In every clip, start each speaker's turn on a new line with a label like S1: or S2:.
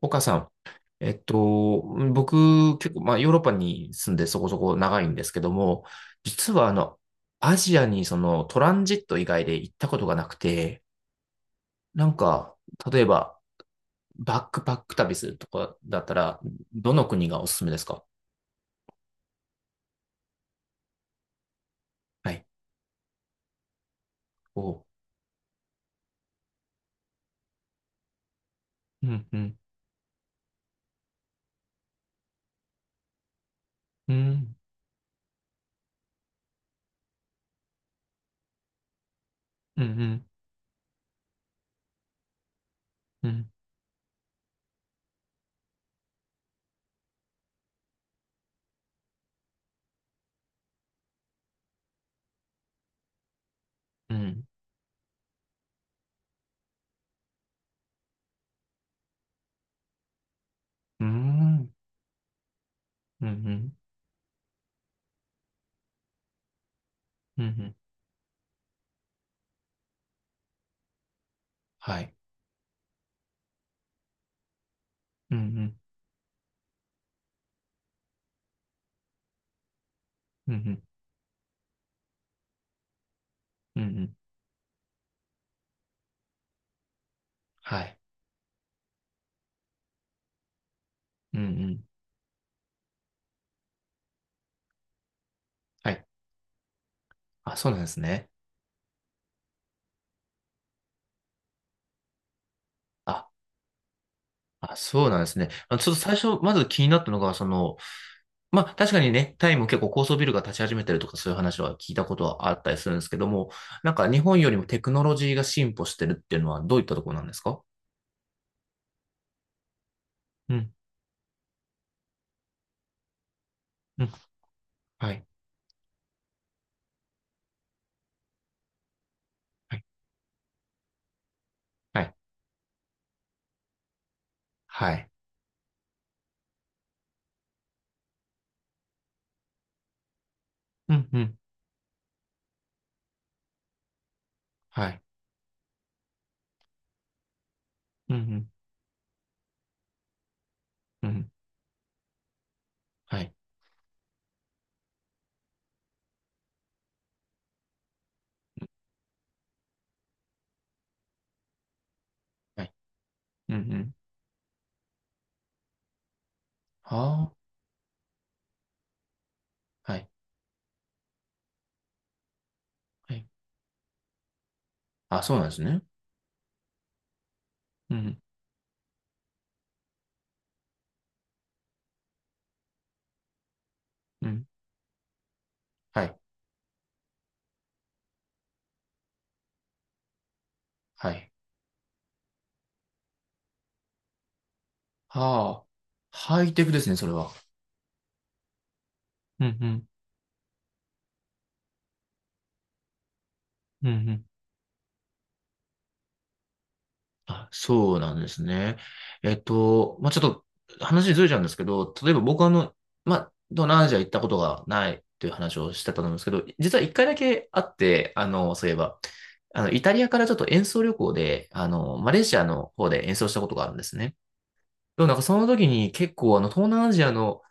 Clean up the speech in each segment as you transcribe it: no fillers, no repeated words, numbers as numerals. S1: 岡さん、えっと、僕、結構、まあ、ヨーロッパに住んでそこそこ長いんですけども、実は、アジアにそのトランジット以外で行ったことがなくて、なんか、例えば、バックパック旅するとかだったら、どの国がおすすめですか？はい。おう。うん、うん、うん、うん、うん、うん、うん、うん、うん、うん、うん、はい。うん、うん、うん、うん、うん、はい。うん、うん、はい。あ、そうなんですね。あ、そうなんですね。あ、ちょっと最初、まず気になったのが、その、まあ、確かにね、タイも結構高層ビルが立ち始めてるとか、そういう話は聞いたことはあったりするんですけども、なんか日本よりもテクノロジーが進歩してるっていうのはどういったところなんですか？うん、うん、はい、はい、はい、はい、うん、うん、はい、うん、うん、うん、はい、はい、うん、うん、はあ、はい、はい。あ、そうなんですね。うん、うん、はい、はい。はあ、ハイテクですね、それは。うん、うん、うん、うん。あ、そうなんですね。まあ、ちょっと話ずれちゃうんですけど、例えば僕はあの、まあ、東南アジア行ったことがないという話をしてたと思うんですけど、実は一回だけあって、あの、そういえば、イタリアからちょっと演奏旅行で、マレーシアの方で演奏したことがあるんですね。でもなんかその時に結構あの、東南アジアの、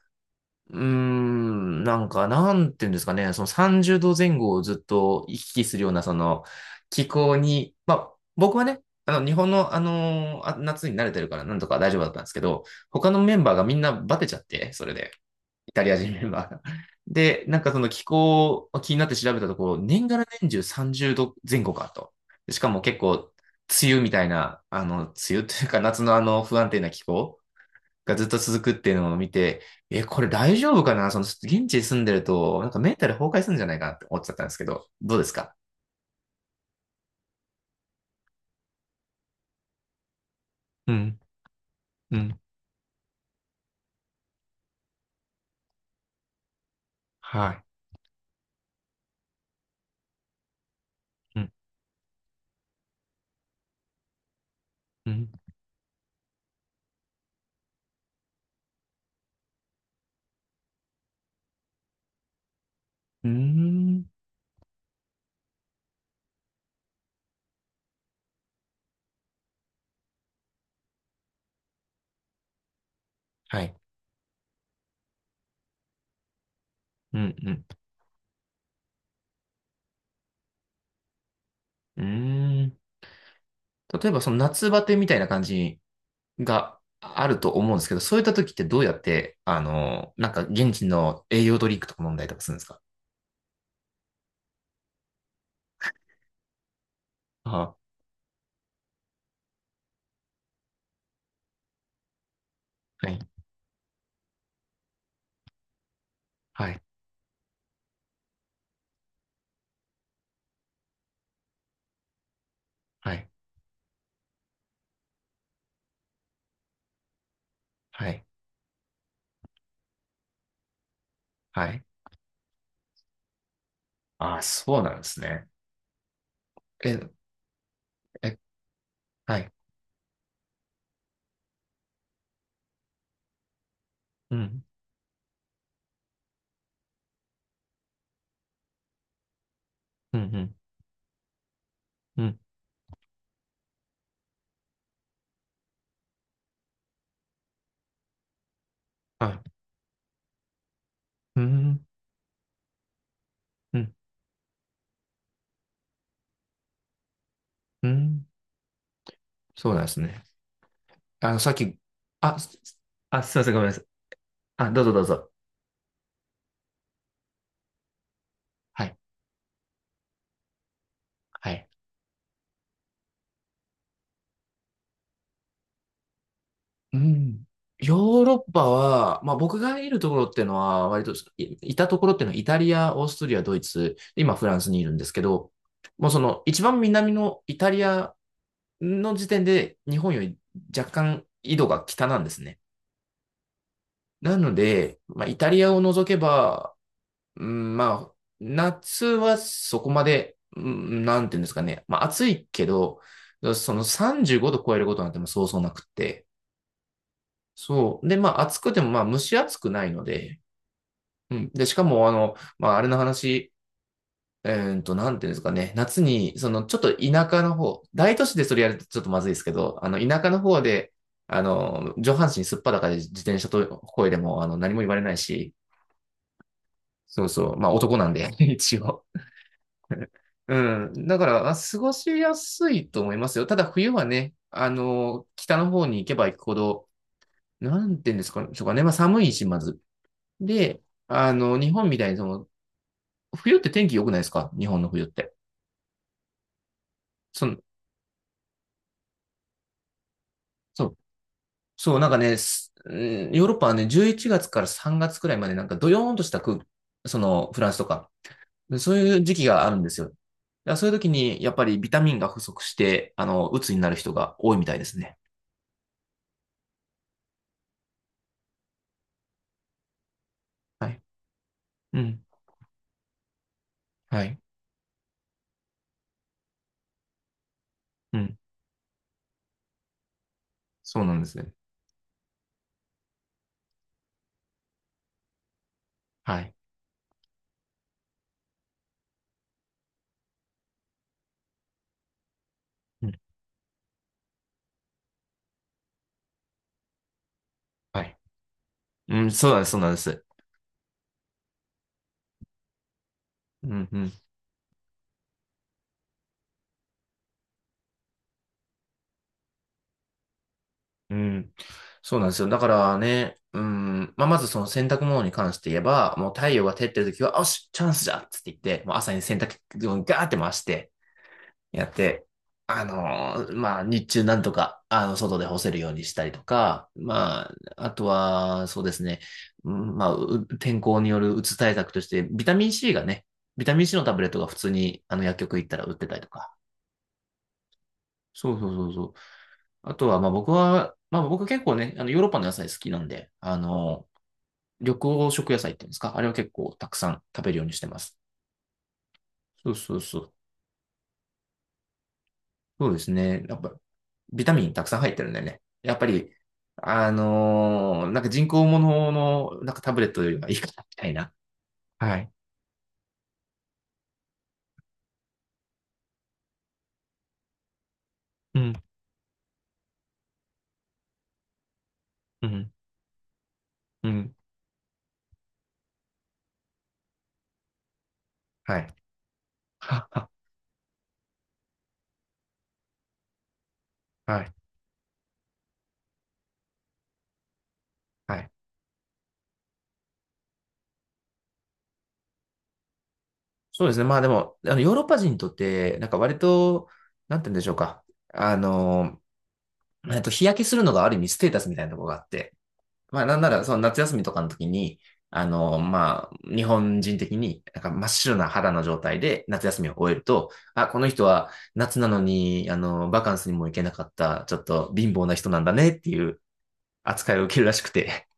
S1: うーん、なんか、なんていうんですかね、その30度前後をずっと行き来するような、その気候に、まあ、僕はね、日本の、夏に慣れてるから、なんとか大丈夫だったんですけど、他のメンバーがみんなバテちゃって、それで、イタリア人メンバーが。で、なんかその気候を気になって調べたところ、年がら年中30度前後かと。しかも結構、梅雨みたいな、梅雨というか夏のあの不安定な気候がずっと続くっていうのを見て、え、これ大丈夫かなその、現地に住んでると、なんかメンタル崩壊するんじゃないかなって思っちゃったんですけど、どうですか？うん、うん、はい。うん、うん、うーん。はい。うん、うん。うーん。例えば、その夏バテみたいな感じがあると思うんですけど、そういった時ってどうやって、なんか現地の栄養ドリンクとか飲んだりとかするんですか？あ、はい、はい、はい、はい、はい。ああ、そうなんですね。え、え、はい。うん、うん、うん。うん。はい。うん。うん。うん。そうなんですね。あの、さっき、あ、すあ、すいません、ごめんなさい。あ、どうぞどうぞ。はい。はい。うん。ヨーロッパは、まあ僕がいるところっていうのは、割と、いいたところっていうのはイタリア、オーストリア、ドイツ、今フランスにいるんですけど、もうその一番南のイタリアの時点で日本より若干緯度が北なんですね。なので、まあ、イタリアを除けば、うん、まあ、夏はそこまで、うん、なんていうんですかね。まあ、暑いけど、その35度超えることなんてもうそうそうなくって。そう。で、まあ、暑くても、まあ、蒸し暑くないので、うん。で、しかも、まあ、あれの話、えなんていうんですかね。夏に、その、ちょっと田舎の方、大都市でそれやるとちょっとまずいですけど、田舎の方で、上半身すっぱだかで自転車と声でも、何も言われないし、そうそう。まあ、男なんで、一応。うん。だから、あ過ごしやすいと思いますよ。ただ、冬はね、北の方に行けば行くほど、なんていうんですかそうかね。まあ、寒いし、まず。で、日本みたいに、その、冬って天気良くないですか？日本の冬って。その、そう、そう、なんかね、すうんヨーロッパはね、11月から3月くらいまで、なんかドヨーンとした空、その、フランスとか、そういう時期があるんですよ。だからそういう時に、やっぱりビタミンが不足して、鬱になる人が多いみたいですね。はい。うん。はい。うん。そうなんですね。はい。うん、はい。うん、そうなんです、そうなんです。うん、うん、うん。そうなんですよ。だからね、うん、まあ、まずその洗濯物に関して言えば、もう太陽が照ってる時は、よし、チャンスじゃっつって言って、もう朝に洗濯機をガーって回して、やって、あのーまあ、日中なんとか、外で干せるようにしたりとか、まあ、あとは、そうですね、うんまあ、う天候によるうつ対策として、ビタミン C がね、ビタミン C のタブレットが普通に、薬局行ったら売ってたりとか、そうそうそうそう。あとは、まあ僕は、まあ僕結構ね、あのヨーロッパの野菜好きなんで、緑黄色野菜っていうんですか、あれは結構たくさん食べるようにしてます。そうそうそう。そうですね。やっぱ、ビタミンたくさん入ってるんだよね。やっぱり、あのーなんか人工物の、なんかタブレットよりはいいかな、みたいな。はい。うん、うん、うん。はい。は、は、はい、はい。そうですね。まあでも、ヨーロッパ人にとって、なんか割と、なんて言うんでしょうか。あのー日焼けするのがある意味ステータスみたいなところがあって、まあ、なんなら、その夏休みとかの時に、まあ、日本人的に、なんか真っ白な肌の状態で夏休みを終えると、あ、この人は夏なのに、バカンスにも行けなかった、ちょっと貧乏な人なんだねっていう扱いを受けるらしくて。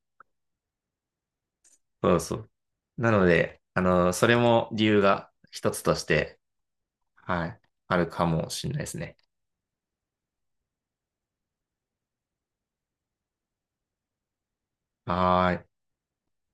S1: そうそう。なので、それも理由が一つとして、はい、あるかもしれないですね。はーい。